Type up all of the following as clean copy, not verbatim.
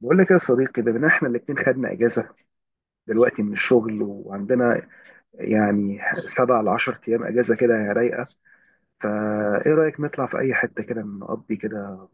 بقول لك يا صديقي بما ان احنا الاتنين خدنا اجازه دلوقتي من الشغل وعندنا يعني سبع لعشر ايام اجازه كده رايقه. فايه رايك نطلع في اي حته كده نقضي كده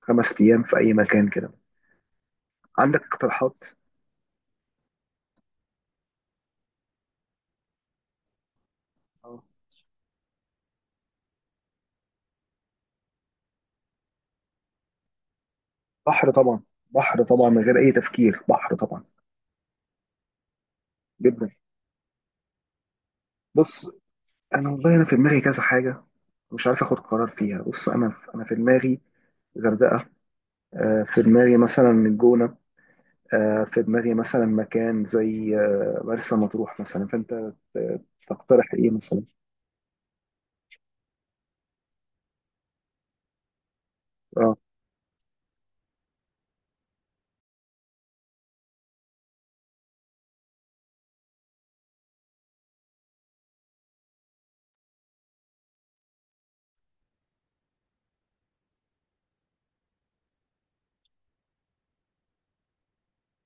خمس ايام في اي مكان كده؟ عندك اقتراحات؟ آه. بحر طبعا. بحر طبعا من غير اي تفكير، بحر طبعا. جدا. بص، انا والله انا في دماغي كذا حاجه مش عارف اخد قرار فيها. بص انا في دماغي غردقه، في دماغي مثلا الجونه، في دماغي مثلا مكان زي مرسى مطروح مثلا. فانت تقترح ايه مثلا؟ اه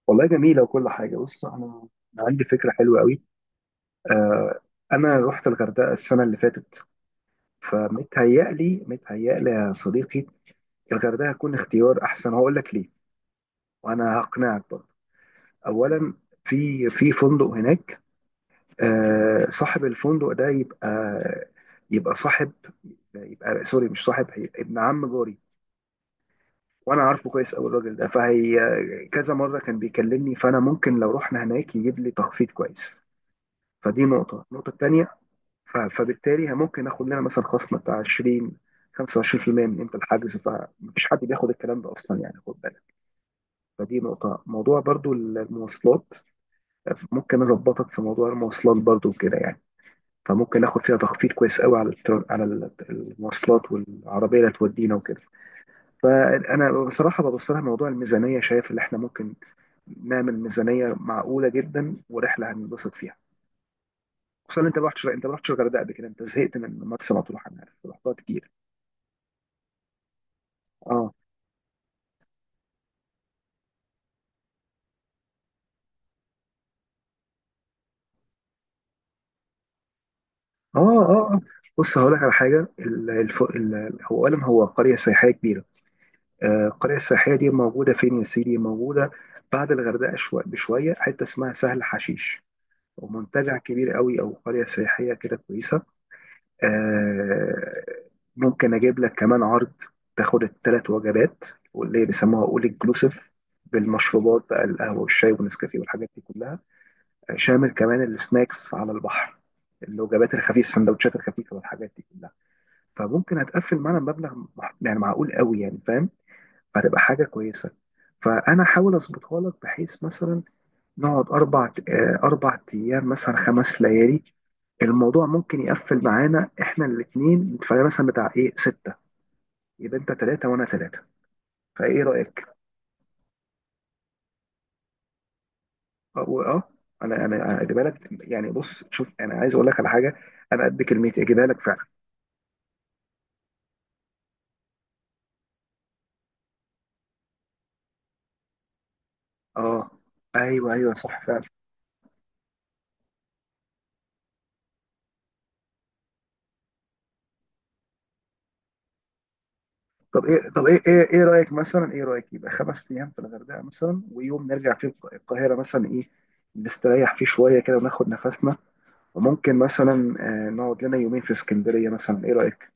والله جميله وكل حاجه. بص انا، أنا عندي فكره حلوه قوي. آه، انا رحت الغردقه السنه اللي فاتت، فمتهيألي متهيألي يا صديقي الغردقه هتكون اختيار احسن. هقول لك ليه وانا هقنعك برضه. اولا في فندق هناك، آه، صاحب الفندق ده يبقى، يبقى صاحب، يبقى سوري مش صاحب، ابن عم جاري. وانا عارفه كويس قوي الراجل ده، فهي كذا مره كان بيكلمني، فانا ممكن لو رحنا هناك يجيب لي تخفيض كويس. فدي نقطه. النقطه الثانيه، فبالتالي ممكن اخد لنا مثلا خصم بتاع 20 25% من قيمه الحجز، فمفيش حد بياخد الكلام ده اصلا يعني، خد بالك. فدي نقطه. موضوع برضو المواصلات، ممكن اظبطك في موضوع المواصلات برضو كده يعني. فممكن اخد فيها تخفيض كويس قوي على المواصلات والعربيه اللي تودينا وكده. فانا بصراحه ببص لها موضوع الميزانيه، شايف اللي احنا ممكن نعمل ميزانيه معقوله جدا ورحله هننبسط فيها. خصوصا إن انت ما رحتش الغردقه قبل كده، انت زهقت من مرسى مطروح انا عارف رحتها كتير. اه اه اه آه. بص هقول لك على حاجه. هو اولا هو قريه سياحيه كبيره، آه، القريه السياحيه دي موجوده فين يا سيدي؟ موجوده بعد الغردقه بشويه، حته اسمها سهل حشيش، ومنتجع كبير قوي او قريه سياحيه كده كويسه. آه، ممكن اجيب لك كمان عرض تاخد الثلاث وجبات، واللي بيسموها اول انكلوسيف، بالمشروبات بقى، القهوه والشاي والنسكافيه والحاجات دي كلها، آه، شامل كمان السناكس على البحر، الوجبات الخفيفه، السندوتشات الخفيفه والحاجات دي كلها. فممكن هتقفل معانا مبلغ يعني معقول قوي يعني، فاهم؟ فهتبقى حاجه كويسه. فانا احاول اظبطها لك بحيث مثلا نقعد أربع، أربع أيام مثلا، خمس ليالي. الموضوع ممكن يقفل معانا إحنا الاتنين نتفرق مثلا بتاع إيه ستة، يبقى أنت تلاتة وأنا تلاتة. فإيه رأيك؟ أو أه أنا أجيبها لك يعني. بص شوف، أنا عايز أقول لك على حاجة، أنا قد كلمتي أجيبها لك فعلا. أه أيوه أيوه صح فعلا. طب إيه طب إيه إيه إيه رأيك مثلا إيه رأيك يبقى خمس أيام في الغردقة مثلا، ويوم نرجع فيه القاهرة مثلا، إيه نستريح فيه شوية كده وناخد نفسنا، وممكن مثلا نقعد لنا يومين في اسكندريه مثلا؟ ايه رايك؟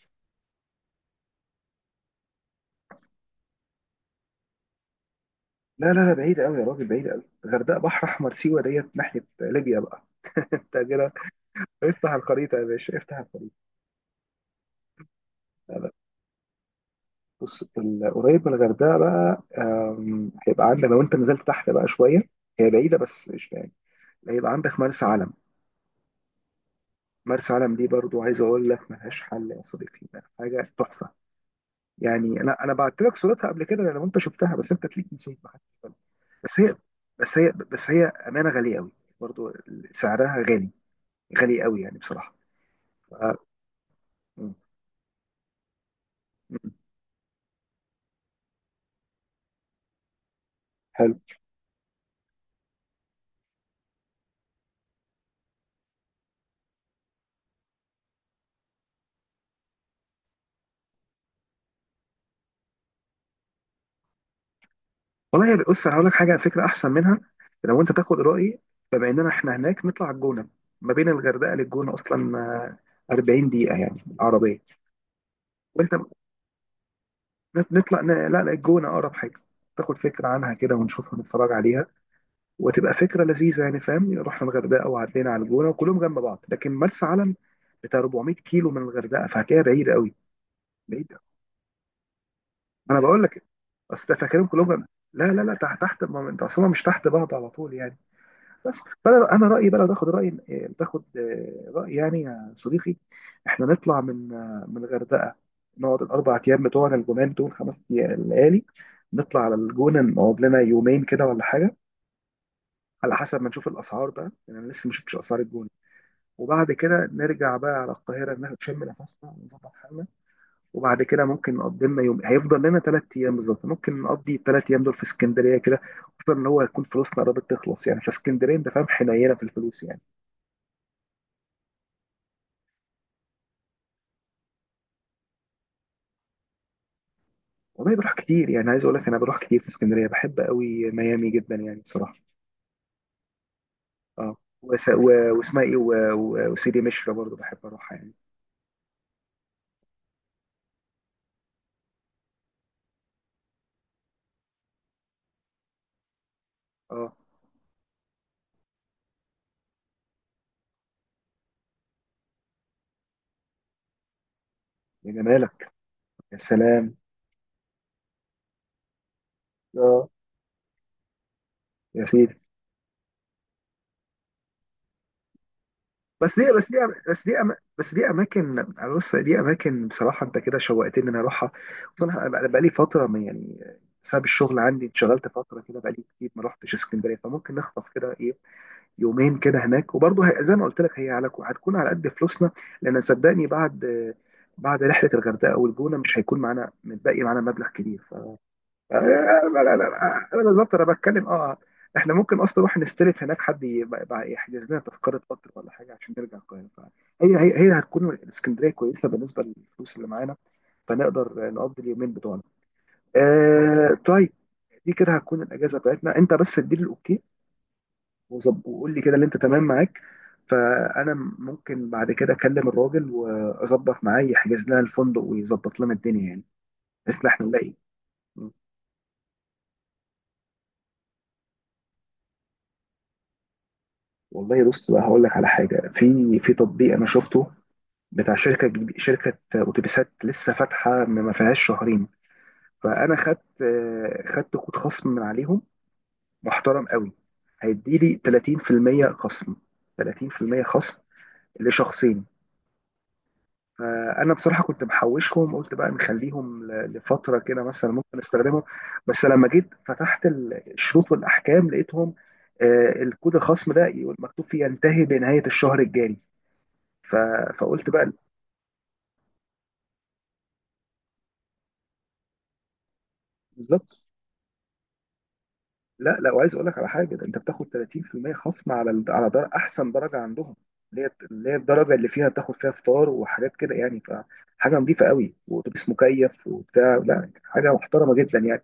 لا بعيد قوي يا راجل، بعيد قوي. الغردقه بحر احمر، سيوه ديت ناحيه ليبيا بقى. انت كده افتح الخريطه يا باشا، افتح الخريطه. لا لا، بص قريب من الغردقه بقى، هيبقى عندك لو انت نزلت تحت بقى شويه، هي بعيده بس مش بعيد، هيبقى عندك مرسى علم. مرسى علم دي برضو عايز اقول لك ملهاش حل يا صديقي، حاجه تحفه يعني. انا بعت لك صورتها قبل كده لو انت شفتها، بس انت تليك نسيت ما حدش بالك. بس هي بس هي امانه غاليه قوي برضو، سعرها غالي، غالي قوي يعني بصراحه. ف... م- م- حلو والله. يا بص انا هقول لك حاجه، فكره احسن منها لو انت تاخد رايي. بما اننا احنا هناك نطلع على الجونه، ما بين الغردقه للجونه اصلا 40 دقيقه يعني عربيه. وانت نطلع لا لا، الجونه اقرب حاجه، تاخد فكره عنها كده ونشوفها نتفرج عليها، وتبقى فكره لذيذه يعني، فاهم؟ رحنا الغردقه وعدينا على الجونه وكلهم جنب بعض. لكن مرسى علم بتاع 400 كيلو من الغردقه، فهتلاقيها بعيده قوي. بعيده، انا بقول لك، اصل ده فاكرهم كلهم جنب. لا لا لا، تحت تحت، ما انت اصلا مش تحت بعض على طول يعني. بس فانا، انا رايي بقى لو تاخد راي تاخد راي يعني يا صديقي، احنا نطلع من من الغردقه، نقعد الاربع ايام بتوعنا الجمال دول، خمس ليالي، نطلع على الجونه نقعد لنا يومين كده ولا حاجه، على حسب ما نشوف الاسعار بقى يعني، انا لسه ما شفتش اسعار الجونه. وبعد كده نرجع بقى على القاهرة، نشم نفسنا ونظبط حالنا، وبعد كده ممكن نقضي لنا يوم. هيفضل لنا ثلاث أيام بالظبط، ممكن نقضي الثلاث أيام دول في اسكندرية كده، خصوصا إن هو هيكون فلوسنا قربت تخلص يعني، فاسكندرية أنت فاهم حنينة في الفلوس يعني. والله بروح كتير يعني، عايز أقول لك أنا بروح كتير في اسكندرية، بحب قوي ميامي جدا يعني بصراحة. أه وس... و... واسمها إيه وسيدي مشرى برضه بحب أروحها يعني. أه، يا جمالك. يا سلام. أه يا سيدي. بس دي بس دي بس دي اماكن. أنا بص دي اماكن بصراحه انت كده شوقتني ان انا اروحها. وأنا بقالي فتره ما يعني، بسبب الشغل عندي اتشغلت فتره كده بقالي كتير ما رحتش اسكندريه. فممكن نخطف كده ايه يومين كده هناك، وبرضه زي ما قلت لك هي على هتكون على قد فلوسنا. لان صدقني بعد، بعد رحله الغردقه والجونه مش هيكون معانا، متبقي معانا مبلغ كبير. لا انا بالظبط انا بتكلم. اه احنا ممكن اصلا نروح نستلف هناك حد، يبقى يحجز لنا تذكره قطر ولا حاجه عشان نرجع القاهره. فهي، هي هتكون الاسكندريه كويسه بالنسبه للفلوس اللي معانا، فنقدر نقضي اليومين بتوعنا. آه طيب، دي كده هتكون الاجازه بتاعتنا. انت بس اديني الاوكي وقول لي كده اللي انت تمام معاك، فانا ممكن بعد كده اكلم الراجل واظبط معاه يحجز لنا الفندق ويظبط لنا الدنيا يعني، بحيث إن احنا نلاقي. والله بص بقى، هقول لك على حاجه. في تطبيق انا شفته بتاع شركه اتوبيسات لسه فاتحه ما فيهاش شهرين، فانا خدت، خدت كود خصم من عليهم محترم قوي. هيديلي 30% خصم، 30% خصم لشخصين. فانا بصراحه كنت محوشهم، قلت بقى نخليهم لفتره كده مثلا ممكن استخدمهم. بس لما جيت فتحت الشروط والاحكام لقيتهم، آه، الكود الخصم ده يقول مكتوب فيه ينتهي بنهايه الشهر الجاري. ف... فقلت بقى بالظبط. لا لا، وعايز اقول لك على حاجه، ده انت بتاخد 30% خصم على احسن درجه عندهم، اللي هي الدرجه اللي فيها بتاخد فيها فطار وحاجات كده يعني، فحاجه نظيفه قوي، واتوبيس مكيف وبتاع، لا حاجه محترمه جدا يعني.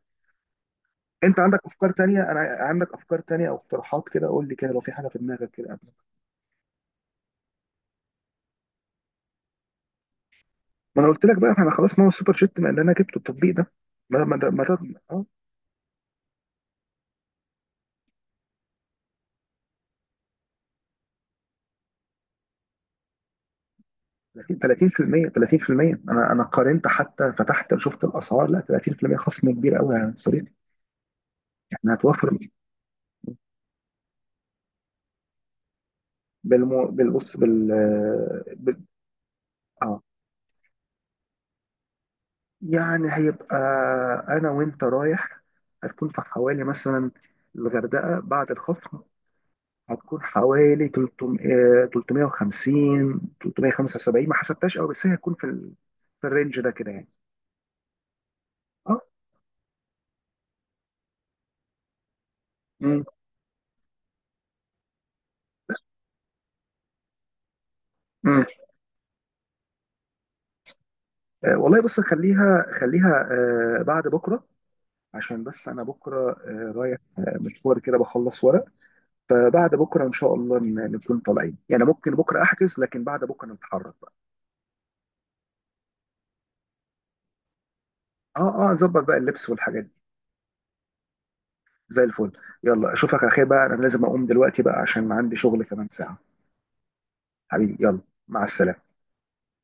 انت عندك افكار تانية؟ انا عندك افكار تانية او اقتراحات كده قول لي كده لو في حاجه في دماغك كده قبل. ما انا قلت لك بقى احنا خلاص، ما هو السوبر شيت ما اللي انا جبته التطبيق ده، ما ما ما, ما... ده. لكن 30%، انا قارنت حتى فتحت شفت الاسعار، لا 30% خصم كبير قوي يا صديقي، احنا هتوفر. بالمو... بالبص بال... بال اه يعني هيبقى انا وانت رايح، هتكون في حوالي مثلا الغردقه بعد الخصم هتكون حوالي 300 350 375، ما حسبتهاش قوي بس هي هتكون في الرينج ده كده يعني. اه. مم. مم. آه، والله بص خليها، خليها آه بعد بكره، عشان بس انا بكره، رايح مشوار كده بخلص ورق. فبعد بكره ان شاء الله نكون طالعين يعني، ممكن بكره احجز لكن بعد بكره نتحرك بقى. اه اه نظبط بقى اللبس والحاجات دي. زي الفل. يلا اشوفك على خير بقى، انا لازم اقوم دلوقتي بقى عشان عندي شغل كمان ساعه. حبيبي يلا، مع السلامه.